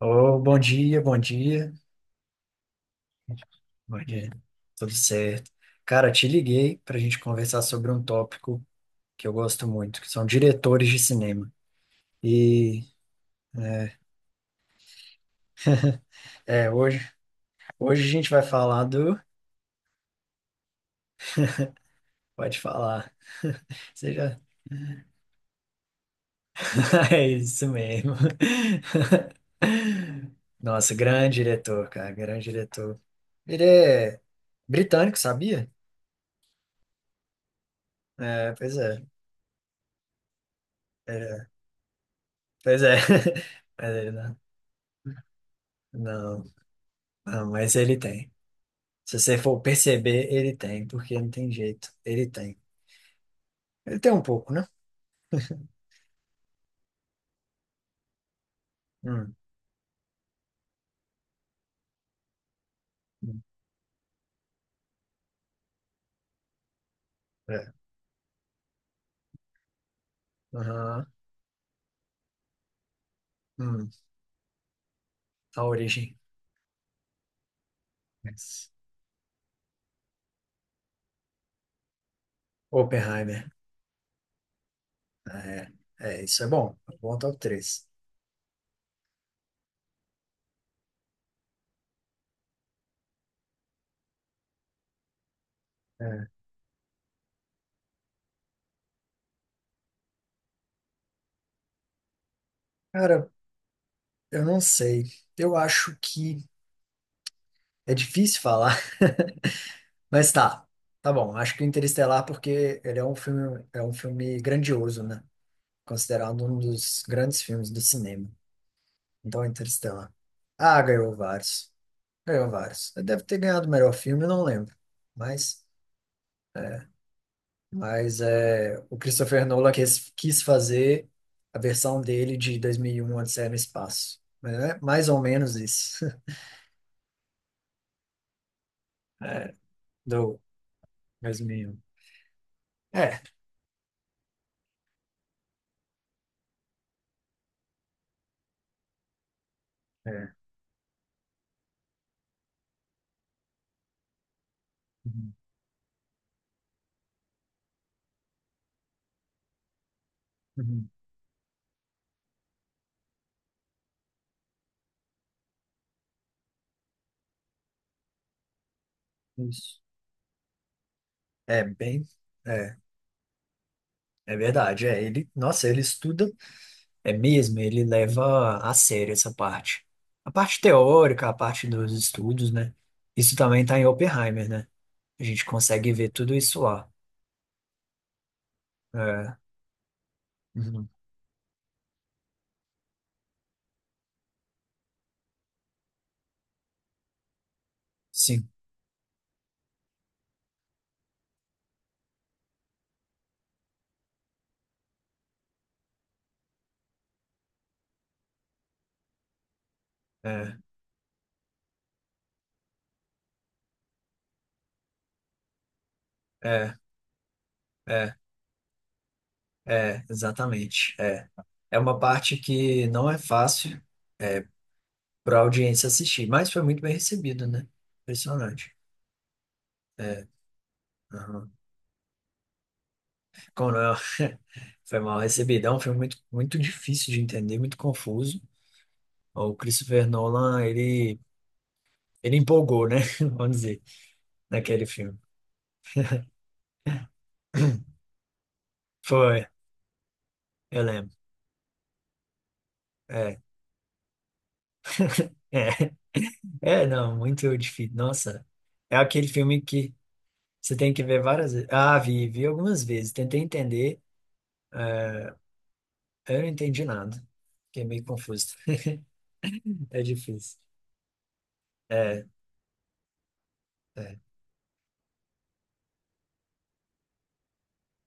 Ô, bom dia, bom dia, bom dia, tudo certo. Cara, te liguei para a gente conversar sobre um tópico que eu gosto muito, que são diretores de cinema. E é, hoje, a gente vai falar do. Pode falar. Seja. É isso mesmo. Nossa, grande diretor, cara, grande diretor. Ele é britânico, sabia? É, pois é. É, pois é. Mas ele não, não, não, mas ele tem. Se você for perceber, ele tem, porque não tem jeito. Ele tem. Ele tem um pouco, né? Hum, hum, é. Aham. Hum, a origem. Yes. Oppenheimer. É, isso é bom. É bom top 3. É. Cara, eu não sei. Eu acho que é difícil falar, mas tá. Tá bom. Acho que o Interestelar, porque ele é um filme grandioso, né? Considerado um dos grandes filmes do cinema. Então, Interestelar. Ah, ganhou vários. Ganhou vários. Ele deve ter ganhado o melhor filme, eu não lembro. Mas, o Christopher Nolan quis fazer a versão dele de 2001, Odisseia no Espaço. Mas é mais ou menos isso. É, do 2001. É, é. Uhum, uhum, isso. É bem... É, é verdade. É, ele, nossa, ele estuda... É mesmo, ele leva a sério essa parte. A parte teórica, a parte dos estudos, né? Isso também tá em Oppenheimer, né? A gente consegue ver tudo isso lá. É, uhum, sim, é, é, é, exatamente. É. É uma parte que não é fácil é, para a audiência assistir, mas foi muito bem recebido, né? Impressionante. É, aham. Como não é- foi mal recebido. É um filme muito, muito difícil de entender, muito confuso. O Christopher Nolan, ele empolgou, né? Vamos dizer, naquele filme. Foi, eu lembro. É. É. É, não, muito difícil. Nossa, é aquele filme que você tem que ver várias vezes. Ah, vi algumas vezes, tentei entender, eh, eu não entendi nada. Fiquei meio confuso. É difícil. É, é,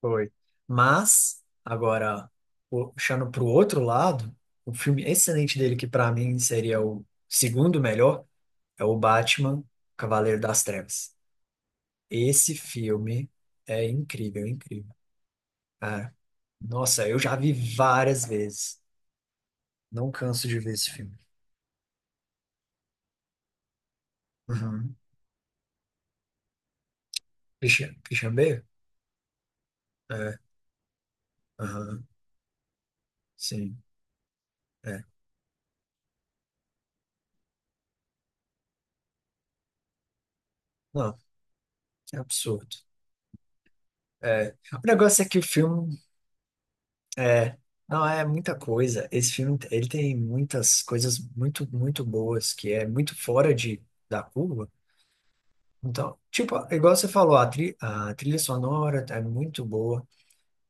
foi. Mas, agora, puxando para o outro lado, o filme excelente dele, que para mim seria o segundo melhor, é o Batman, Cavaleiro das Trevas. Esse filme é incrível, é incrível. Ah, nossa, eu já vi várias vezes. Não canso de ver esse filme. Uhum. Christian Bale? É, aham, sim. É. Não, é absurdo. É. O negócio é que o filme é. Não, é muita coisa. Esse filme, ele tem muitas coisas muito, muito boas, que é muito fora da curva. Então, tipo, igual você falou, a trilha sonora é muito boa.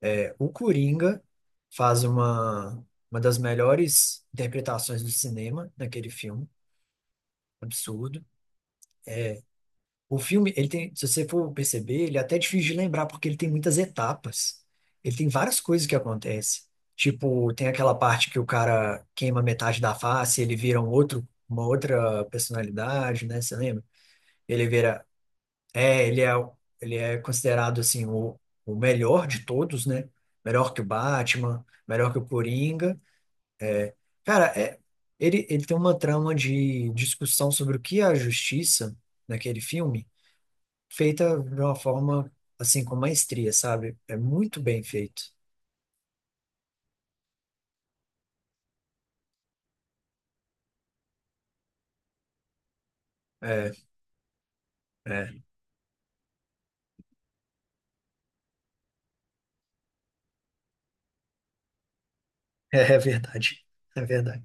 É, o Coringa faz uma das melhores interpretações do cinema naquele filme. Absurdo. O filme, ele tem, se você for perceber, ele é até difícil de lembrar, porque ele tem muitas etapas. Ele tem várias coisas que acontecem. Tipo, tem aquela parte que o cara queima metade da face, ele vira uma outra personalidade, né? Você lembra? Ele vira. É, ele é considerado, assim, o melhor de todos, né? Melhor que o Batman, melhor que o Coringa. Cara, ele tem uma trama de discussão sobre o que é a justiça naquele filme feita de uma forma assim com maestria, sabe? É muito bem feito. É, é, é verdade. É verdade.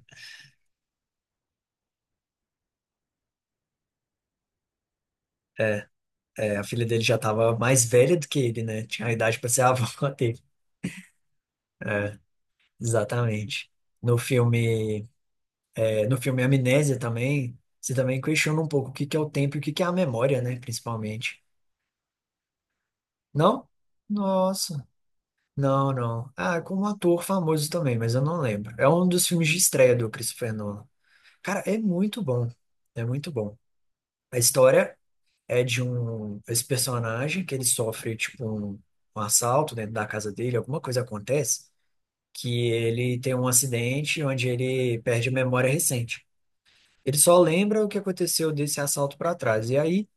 É, a filha dele já estava mais velha do que ele, né? Tinha a idade para ser a avó dele. É, exatamente. No filme, no filme Amnésia também, você também questiona um pouco o que que é o tempo e o que que é a memória, né? Principalmente. Não? Nossa. Não, não. Ah, é com um ator famoso também, mas eu não lembro. É um dos filmes de estreia do Christopher Nolan. Cara, é muito bom. É muito bom. A história é de um esse personagem que ele sofre tipo um, um assalto dentro da casa dele, alguma coisa acontece que ele tem um acidente onde ele perde a memória recente. Ele só lembra o que aconteceu desse assalto para trás. E aí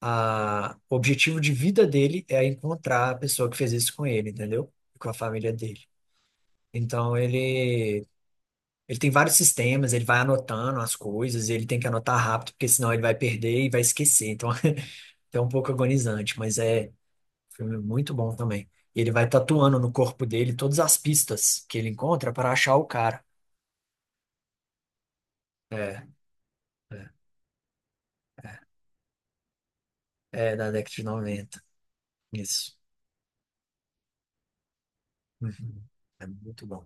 a o objetivo de vida dele é encontrar a pessoa que fez isso com ele, entendeu? Com a família dele. Então ele tem vários sistemas, ele vai anotando as coisas, ele tem que anotar rápido, porque senão ele vai perder e vai esquecer. Então, é um pouco agonizante, mas é um filme muito bom também. E ele vai tatuando no corpo dele todas as pistas que ele encontra para achar o cara. É, é, é da década de noventa. Isso. Uhum. É muito bom.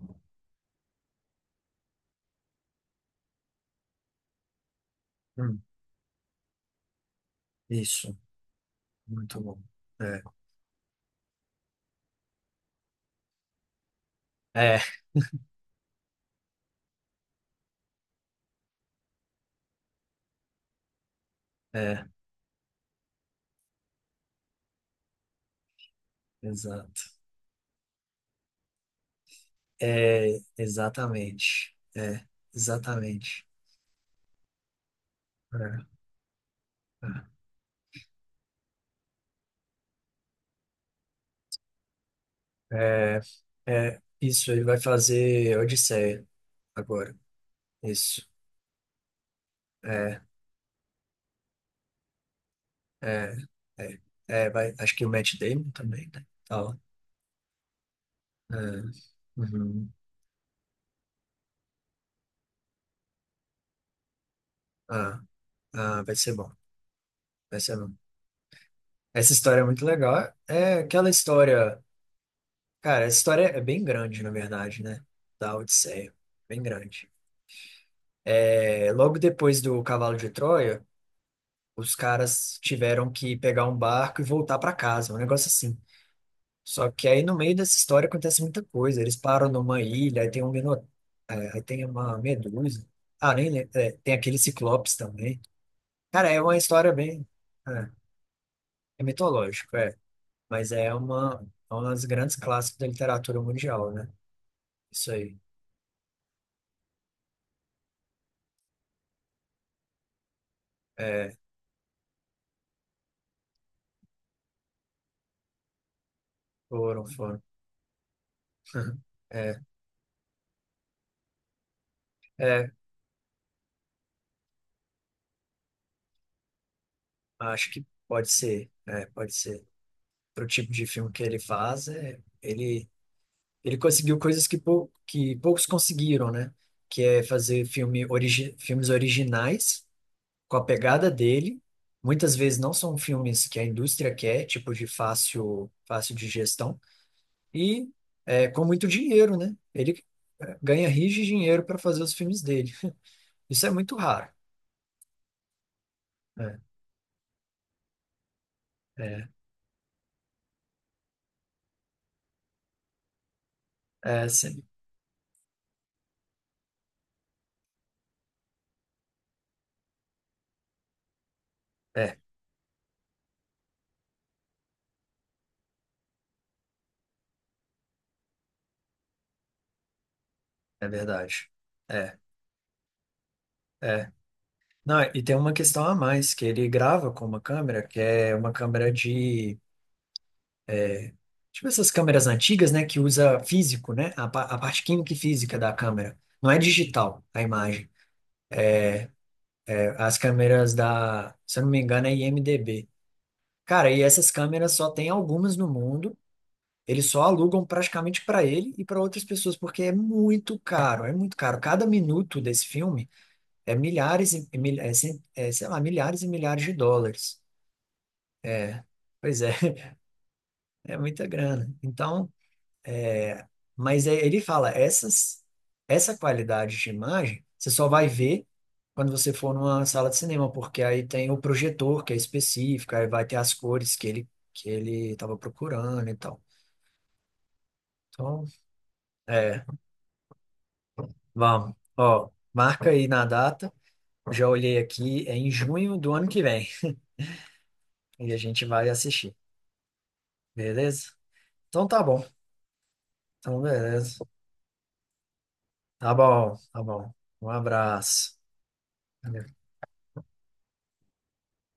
Hum, isso, muito bom. É, é, é, exato. É, exatamente. É, exatamente. É, é, isso, ele vai fazer Odisseia agora. Isso. É. É, é, vai, acho que o Matt Damon também, né? Tá lá. É, uhum. Ah, ah, vai ser bom, vai ser bom. Essa história é muito legal. É aquela história, cara, essa história é bem grande, na verdade, né? Da Odisseia, bem grande. É, logo depois do Cavalo de Troia, os caras tiveram que pegar um barco e voltar para casa, um negócio assim. Só que aí no meio dessa história acontece muita coisa. Eles param numa ilha, aí tem um mino... é, aí tem uma medusa. Ah, nem lembro. É, tem aquele ciclopes também. Cara, é uma história bem. É, é mitológico, é. Mas é uma das grandes clássicos da literatura mundial, né? Isso aí. É, foram. É, é, acho que pode ser. É, pode ser. Pro tipo de filme que ele faz, ele conseguiu coisas que, que poucos conseguiram, né? Que é fazer filmes originais com a pegada dele. Muitas vezes não são filmes que a indústria quer, tipo de fácil de gestão. E com muito dinheiro, né? Ele ganha rios de dinheiro para fazer os filmes dele. Isso é muito raro. É, é, sim. é, É verdade. É, é. Não, e tem uma questão a mais, que ele grava com uma câmera, que é uma câmera de tipo essas câmeras antigas, né, que usa físico, né, a parte química e física da câmera. Não é digital a imagem. É, as câmeras se eu não me engano, é IMDb. Cara, e essas câmeras só tem algumas no mundo. Eles só alugam praticamente para ele e para outras pessoas, porque é muito caro, é muito caro. Cada minuto desse filme é milhares e mil, é, cen- é, sei lá, milhares e milhares de dólares. É, pois é, é muita grana. Então, É, ele fala, essa qualidade de imagem, você só vai ver quando você for numa sala de cinema, porque aí tem o projetor que é específico, aí vai ter as cores que ele estava procurando e tal. Então, é, vamos. Ó, marca aí na data. Já olhei aqui, é em junho do ano que vem. E a gente vai assistir, beleza? Então tá bom. Então, beleza. Tá bom, tá bom. Um abraço.